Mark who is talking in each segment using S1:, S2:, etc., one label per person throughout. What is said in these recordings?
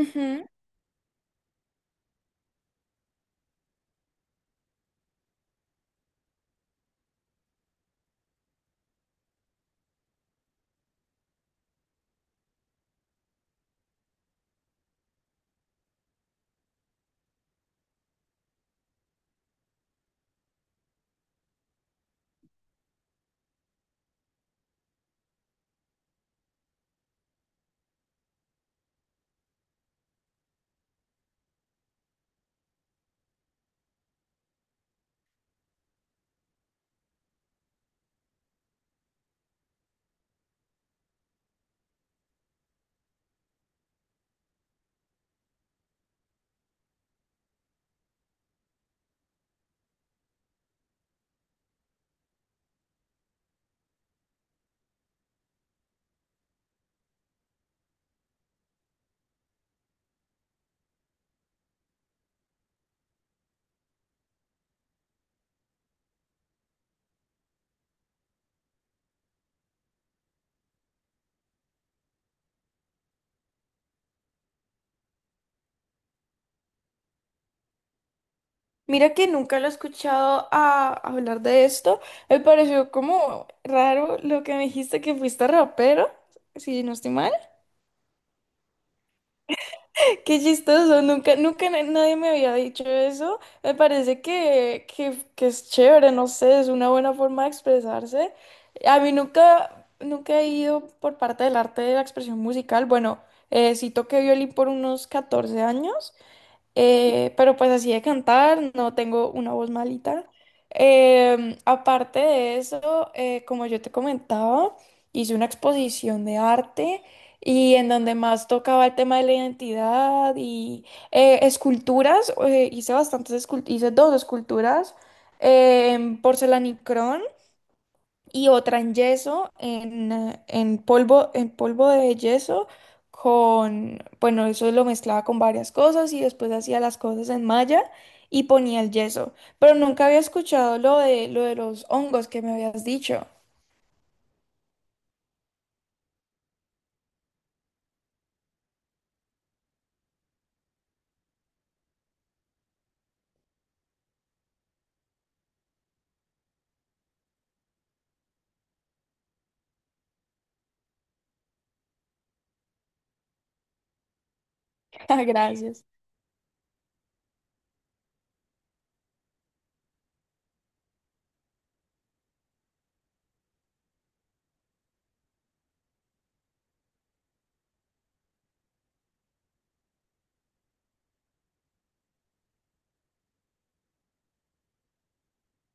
S1: Ujú. Mira que nunca lo he escuchado hablar de esto. Me pareció como raro lo que me dijiste que fuiste rapero, si no estoy mal. Qué chistoso, nunca, nadie me había dicho eso. Me parece que es chévere, no sé, es una buena forma de expresarse. A mí nunca, nunca he ido por parte del arte de la expresión musical. Bueno, sí toqué violín por unos 14 años. Pero pues así de cantar, no tengo una voz malita. Aparte de eso, como yo te comentaba, hice una exposición de arte y en donde más tocaba el tema de la identidad y esculturas, eh, hice dos esculturas en porcelanicrón y otra en yeso, en polvo de yeso, con, bueno, eso lo mezclaba con varias cosas y después hacía las cosas en malla y ponía el yeso. Pero nunca había escuchado lo de los hongos que me habías dicho. Ah, gracias.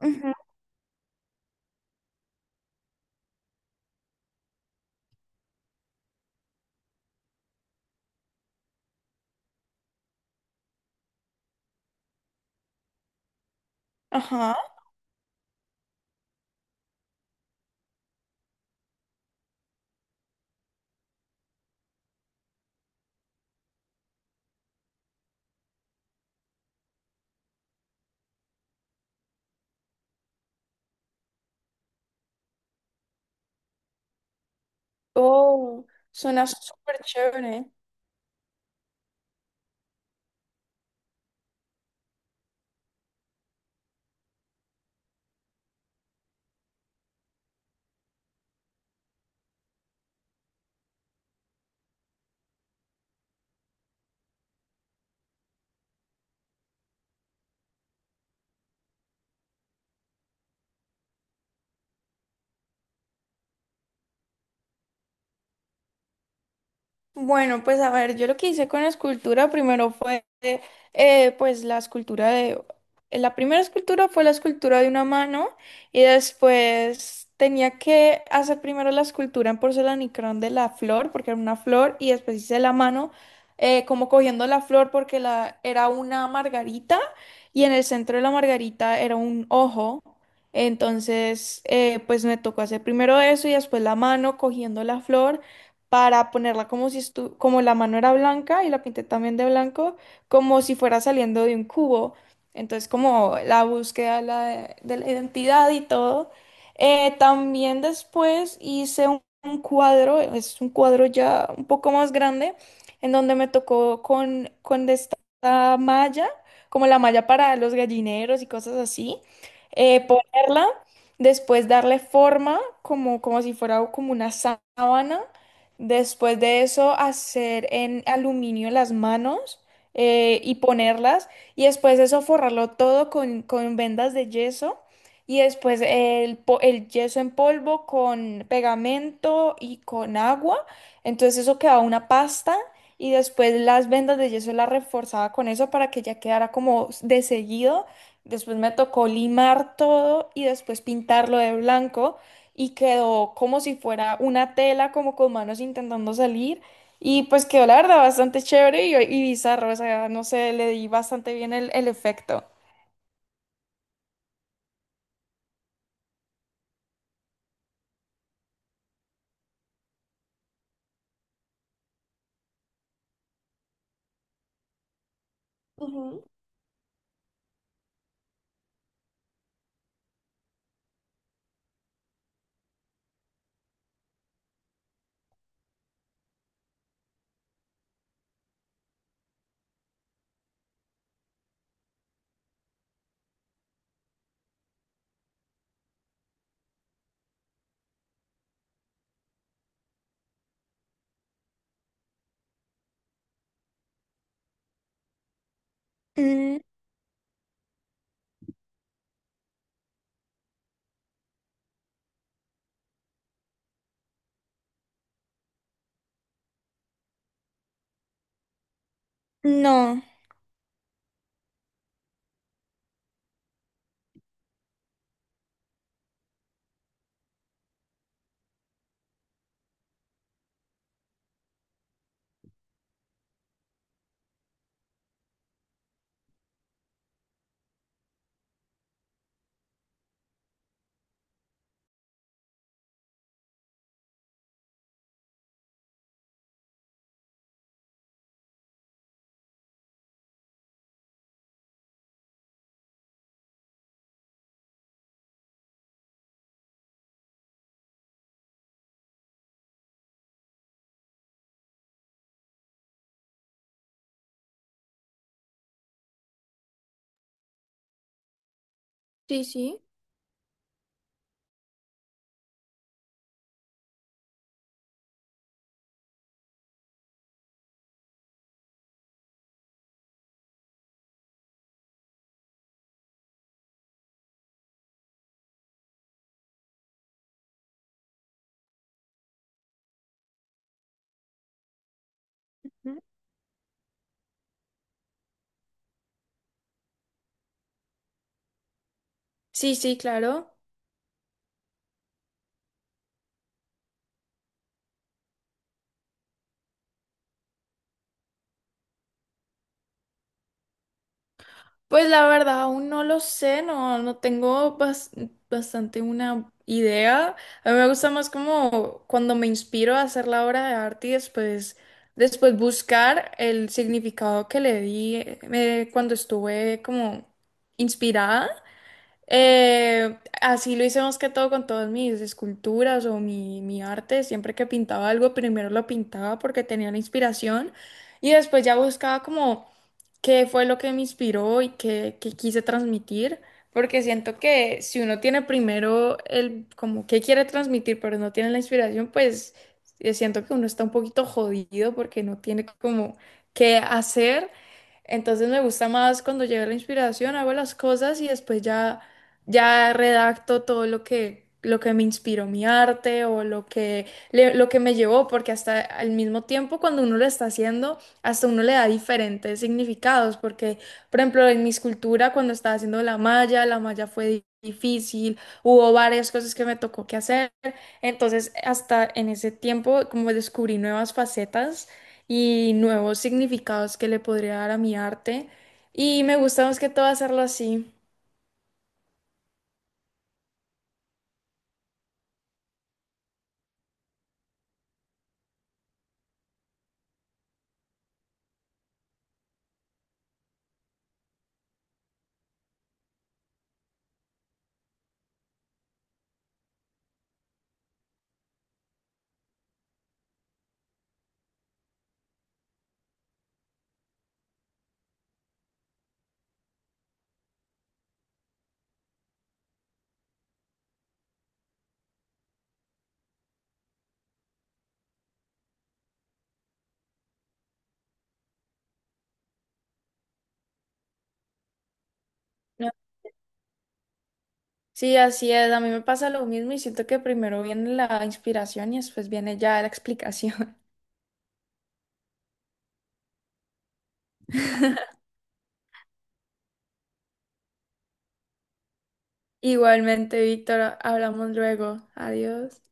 S1: Ujú. Ajá. Oh, suena súper chévere. Bueno, pues a ver, yo lo que hice con la escultura primero fue, pues la primera escultura fue la escultura de una mano, y después tenía que hacer primero la escultura en porcelanicrón de la flor, porque era una flor, y después hice la mano como cogiendo la flor porque era una margarita y en el centro de la margarita era un ojo. Entonces, pues me tocó hacer primero eso y después la mano cogiendo la flor para ponerla como si como la mano era blanca, y la pinté también de blanco, como si fuera saliendo de un cubo. Entonces, como la búsqueda de la identidad y todo. También después hice un cuadro, es un cuadro ya un poco más grande, en donde me tocó con esta malla, como la malla para los gallineros y cosas así, ponerla, después darle forma como si fuera como una sábana. Después de eso, hacer en aluminio las manos, y ponerlas. Y después de eso, forrarlo todo con vendas de yeso. Y después el el yeso en polvo con pegamento y con agua. Entonces eso quedaba una pasta. Y después las vendas de yeso las reforzaba con eso para que ya quedara como de seguido. Después me tocó limar todo y después pintarlo de blanco, y quedó como si fuera una tela, como con manos intentando salir. Y pues quedó la verdad bastante chévere y bizarro, o sea, no sé, le di bastante bien el efecto. Ujú. Mm, no. Sí, sí. Ujú. Sí, sí, claro. Pues la verdad, aún no lo sé, no, bastante una idea. A mí me gusta más como cuando me inspiro a hacer la obra de arte y después buscar el significado que le di cuando estuve como inspirada. Así lo hice más que todo con todas mis esculturas o mi arte. Siempre que pintaba algo, primero lo pintaba porque tenía la inspiración, y después ya buscaba como qué fue lo que me inspiró y qué quise transmitir. Porque siento que si uno tiene primero el como qué quiere transmitir, pero no tiene la inspiración, pues siento que uno está un poquito jodido porque no tiene como qué hacer. Entonces me gusta más cuando llega la inspiración, hago las cosas, y después ya redacto todo lo que me inspiró mi arte o lo que, lo que me llevó, porque hasta al mismo tiempo cuando uno lo está haciendo, hasta uno le da diferentes significados, porque, por ejemplo, en mi escultura, cuando estaba haciendo la malla, la malla fue difícil, hubo varias cosas que me tocó que hacer, entonces hasta en ese tiempo como descubrí nuevas facetas y nuevos significados que le podría dar a mi arte, y me gusta más que todo hacerlo así. Sí, así es. A mí me pasa lo mismo y siento que primero viene la inspiración y después viene ya la explicación. Igualmente, Víctor, hablamos luego. Adiós.